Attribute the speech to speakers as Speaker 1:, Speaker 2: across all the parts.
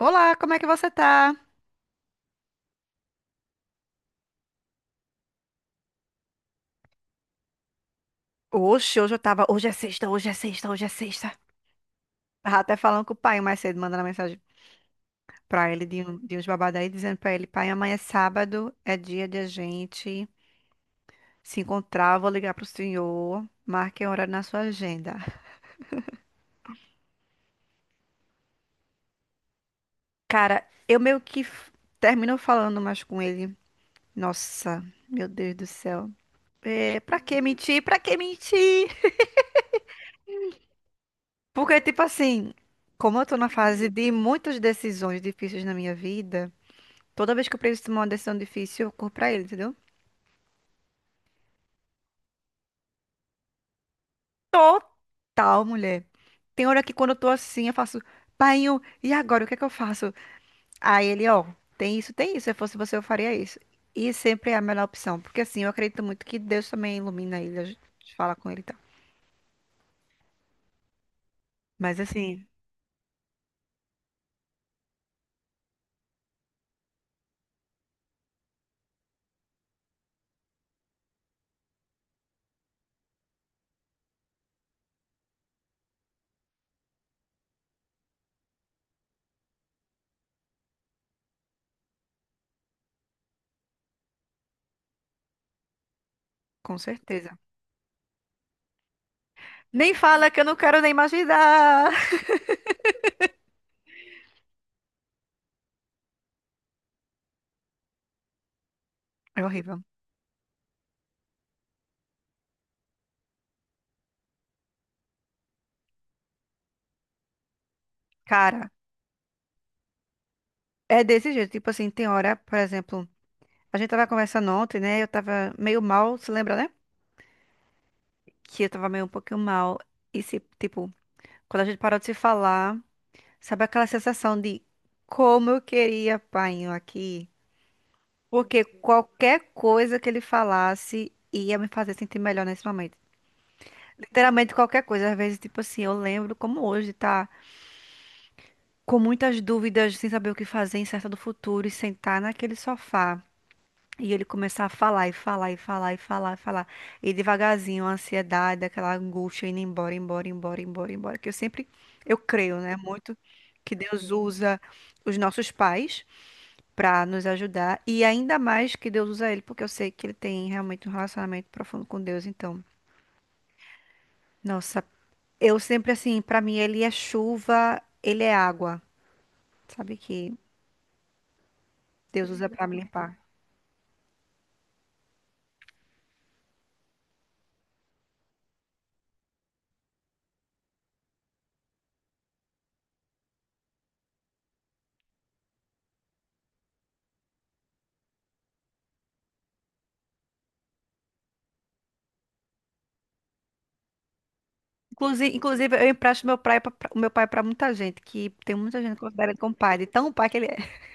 Speaker 1: Olá, como é que você tá? Oxe, hoje eu tava. Hoje é sexta, hoje é sexta, hoje é sexta. Tava até falando com o pai mais cedo, mandando uma mensagem pra ele de, de uns babados aí, dizendo pra ele: pai, amanhã é sábado, é dia de a gente se encontrar. Eu vou ligar pro senhor, marque a hora na sua agenda. Cara, eu meio que termino falando mais com ele. Nossa, meu Deus do céu. É, pra que mentir? Pra que mentir? Porque, tipo assim, como eu tô na fase de muitas decisões difíceis na minha vida. Toda vez que eu preciso tomar uma decisão difícil, eu corro pra ele, entendeu? Total, mulher. Tem hora que quando eu tô assim, eu faço, painho, e agora? O que é que eu faço? Aí ele, ó, tem isso, tem isso. Se eu fosse você, eu faria isso. E sempre é a melhor opção. Porque assim, eu acredito muito que Deus também ilumina ele, a gente fala com ele e tal. Mas assim, com certeza. Nem fala que eu não quero nem imaginar. É horrível. Cara, é desse jeito. Tipo assim, tem hora, por exemplo, a gente tava conversando ontem, né? Eu tava meio mal, se lembra, né? Que eu tava meio um pouquinho mal. E se, tipo, quando a gente parou de se falar, sabe aquela sensação de como eu queria painho aqui? Porque qualquer coisa que ele falasse ia me fazer sentir melhor nesse momento. Literalmente qualquer coisa. Às vezes, tipo assim, eu lembro como hoje, tá? Com muitas dúvidas, sem saber o que fazer, incerta do futuro, e sentar naquele sofá. E ele começar a falar e falar e falar e falar e falar. E devagarzinho, a ansiedade, aquela angústia indo embora, embora, embora, embora, embora. Que eu sempre, eu creio, né? Muito que Deus usa os nossos pais para nos ajudar. E ainda mais que Deus usa ele, porque eu sei que ele tem realmente um relacionamento profundo com Deus. Então, nossa, eu sempre assim, para mim ele é chuva, ele é água, sabe? Que Deus usa para me limpar. Inclusive, eu empresto meu pai pra, pra- o meu pai pra muita gente, que tem muita gente que considera ele como pai, de tão pai que ele é.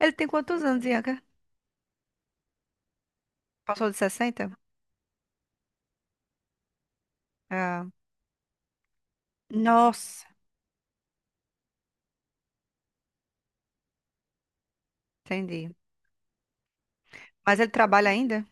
Speaker 1: Ele tem quantos anos, Ianca? Passou de 60. Ah, nossa, entendi. Mas ele trabalha ainda?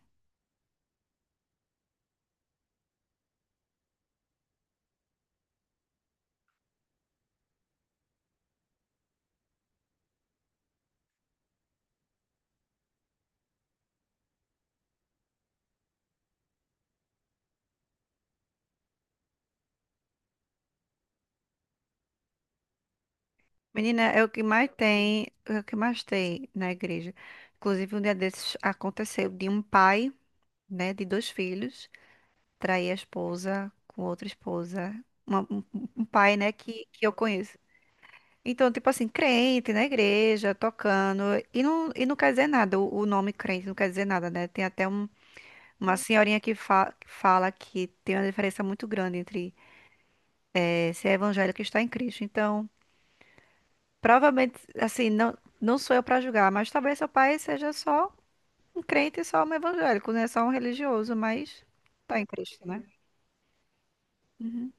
Speaker 1: Menina, é o que mais tem, é o que mais tem na igreja. Inclusive, um dia desses aconteceu de um pai, né, de dois filhos, trair a esposa com outra esposa. Um pai, né, que eu conheço. Então, tipo assim, crente na igreja, tocando, e não quer dizer nada, o nome crente não quer dizer nada, né? Tem até uma senhorinha que fala que tem uma diferença muito grande entre ser evangélico e estar em Cristo. Então, provavelmente, assim, não, não sou eu para julgar, mas talvez seu pai seja só um crente e só um evangélico, né? Só um religioso, mas tá em Cristo, né? Uhum.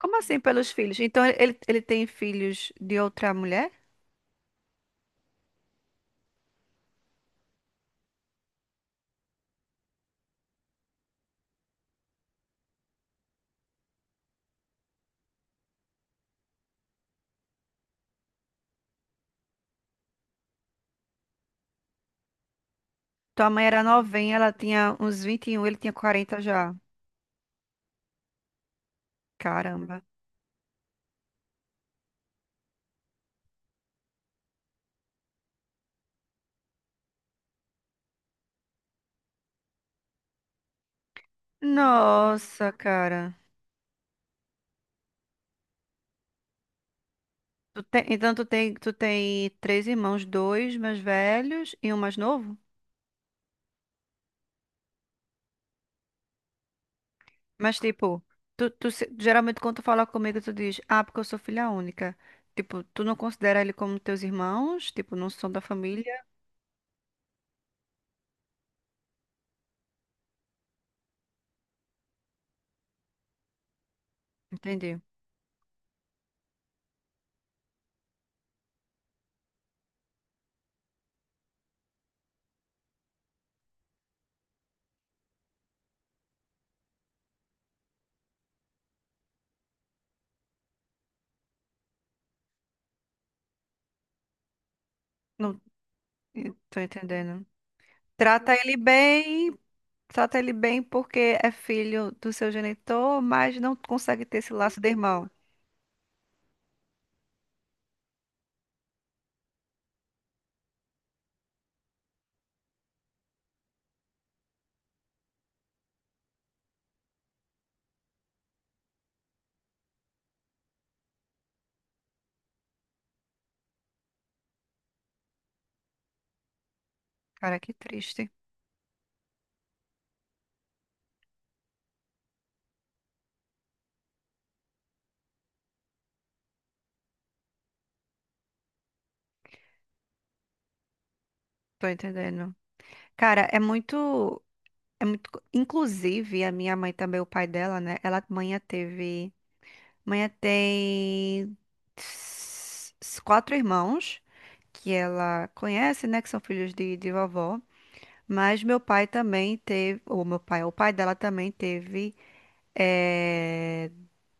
Speaker 1: Como assim pelos filhos? Então, ele tem filhos de outra mulher? Tua mãe era novinha, ela tinha uns 21, ele tinha 40 já. Caramba. Nossa, cara. Então tu tem três irmãos, dois mais velhos e um mais novo? Mas tipo, tu, tu se- geralmente quando tu fala comigo, tu diz, ah, porque eu sou filha única. Tipo, tu não considera ele como teus irmãos? Tipo, não são da família? Entendi. Não, eu tô entendendo. Trata ele bem, trata ele bem porque é filho do seu genitor, mas não consegue ter esse laço de irmão. Cara, que triste. Tô entendendo. Cara, é muito. É muito. Inclusive, a minha mãe também, o pai dela, né? Mãe teve. Mãe tem quatro irmãos que ela conhece, né? Que são filhos de vovó. Mas meu pai também teve. O pai dela também teve eh,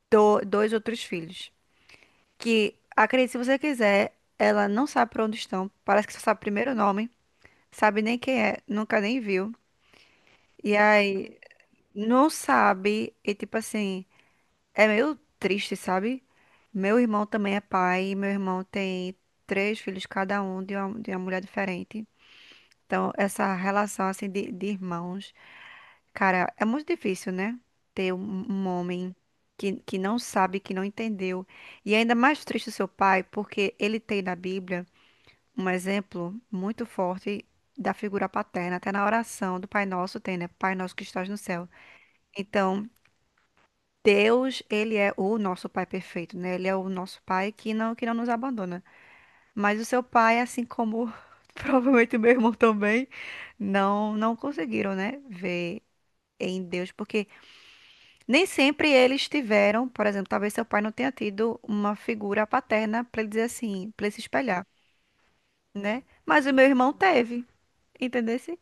Speaker 1: dois outros filhos. Que, acredite, se você quiser, ela não sabe pra onde estão. Parece que só sabe o primeiro nome. Sabe nem quem é. Nunca nem viu. E aí. Não sabe. E tipo assim. É meio triste, sabe? Meu irmão também é pai, e meu irmão tem três filhos, cada um de uma mulher diferente. Então, essa relação assim de irmãos, cara, é muito difícil, né? Ter um homem que não sabe, que não entendeu. E é ainda mais triste o seu pai, porque ele tem na Bíblia um exemplo muito forte da figura paterna, até na oração do Pai Nosso tem, né? Pai Nosso que estás no céu. Então, Deus, ele é o nosso pai perfeito, né? Ele é o nosso pai que não nos abandona. Mas o seu pai, assim como provavelmente o meu irmão também, não, não conseguiram, né? Ver em Deus, porque nem sempre eles tiveram, por exemplo, talvez seu pai não tenha tido uma figura paterna para ele dizer assim, para ele se espelhar, né? Mas o meu irmão teve, entendesse?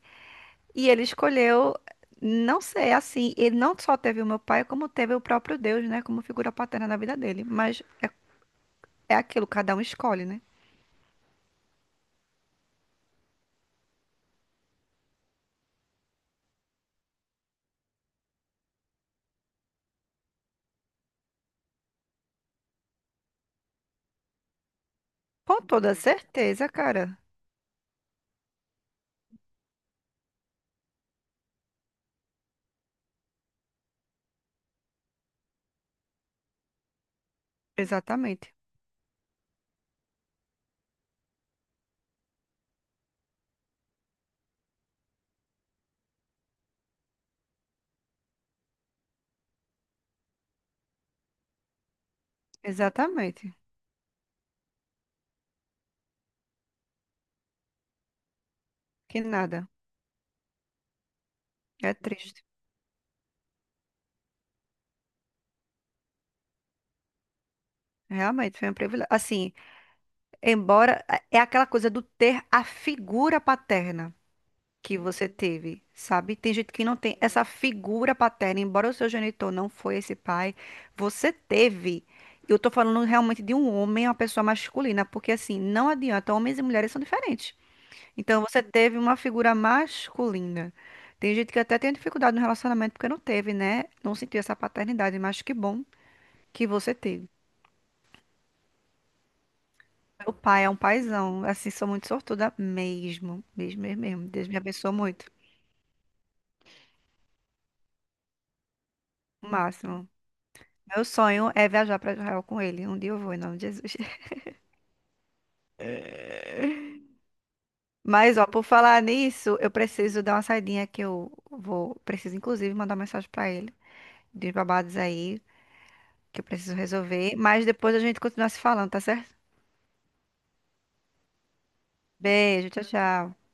Speaker 1: E ele escolheu não ser assim, ele não só teve o meu pai, como teve o próprio Deus, né, como figura paterna na vida dele. Mas é aquilo, cada um escolhe, né? Com toda certeza, cara. Exatamente. Exatamente. Que nada. É triste. Realmente foi um privilégio. Assim, embora é aquela coisa do ter a figura paterna que você teve, sabe? Tem gente que não tem essa figura paterna, embora o seu genitor não foi esse pai, você teve. Eu tô falando realmente de um homem, uma pessoa masculina, porque assim, não adianta, homens e mulheres são diferentes. Então você teve uma figura masculina. Tem gente que até tem dificuldade no relacionamento porque não teve, né? Não sentiu essa paternidade, mas que bom que você teve. Meu pai é um paizão, assim, sou muito sortuda mesmo, mesmo, mesmo, mesmo. Deus me abençoou muito, o máximo. Meu sonho é viajar para Israel com ele. Um dia eu vou, em nome de Jesus. Mas, ó, por falar nisso, eu preciso dar uma saidinha que eu vou, preciso inclusive mandar uma mensagem para ele, de babados aí, que eu preciso resolver, mas depois a gente continua se falando, tá certo? Beijo, tchau, tchau.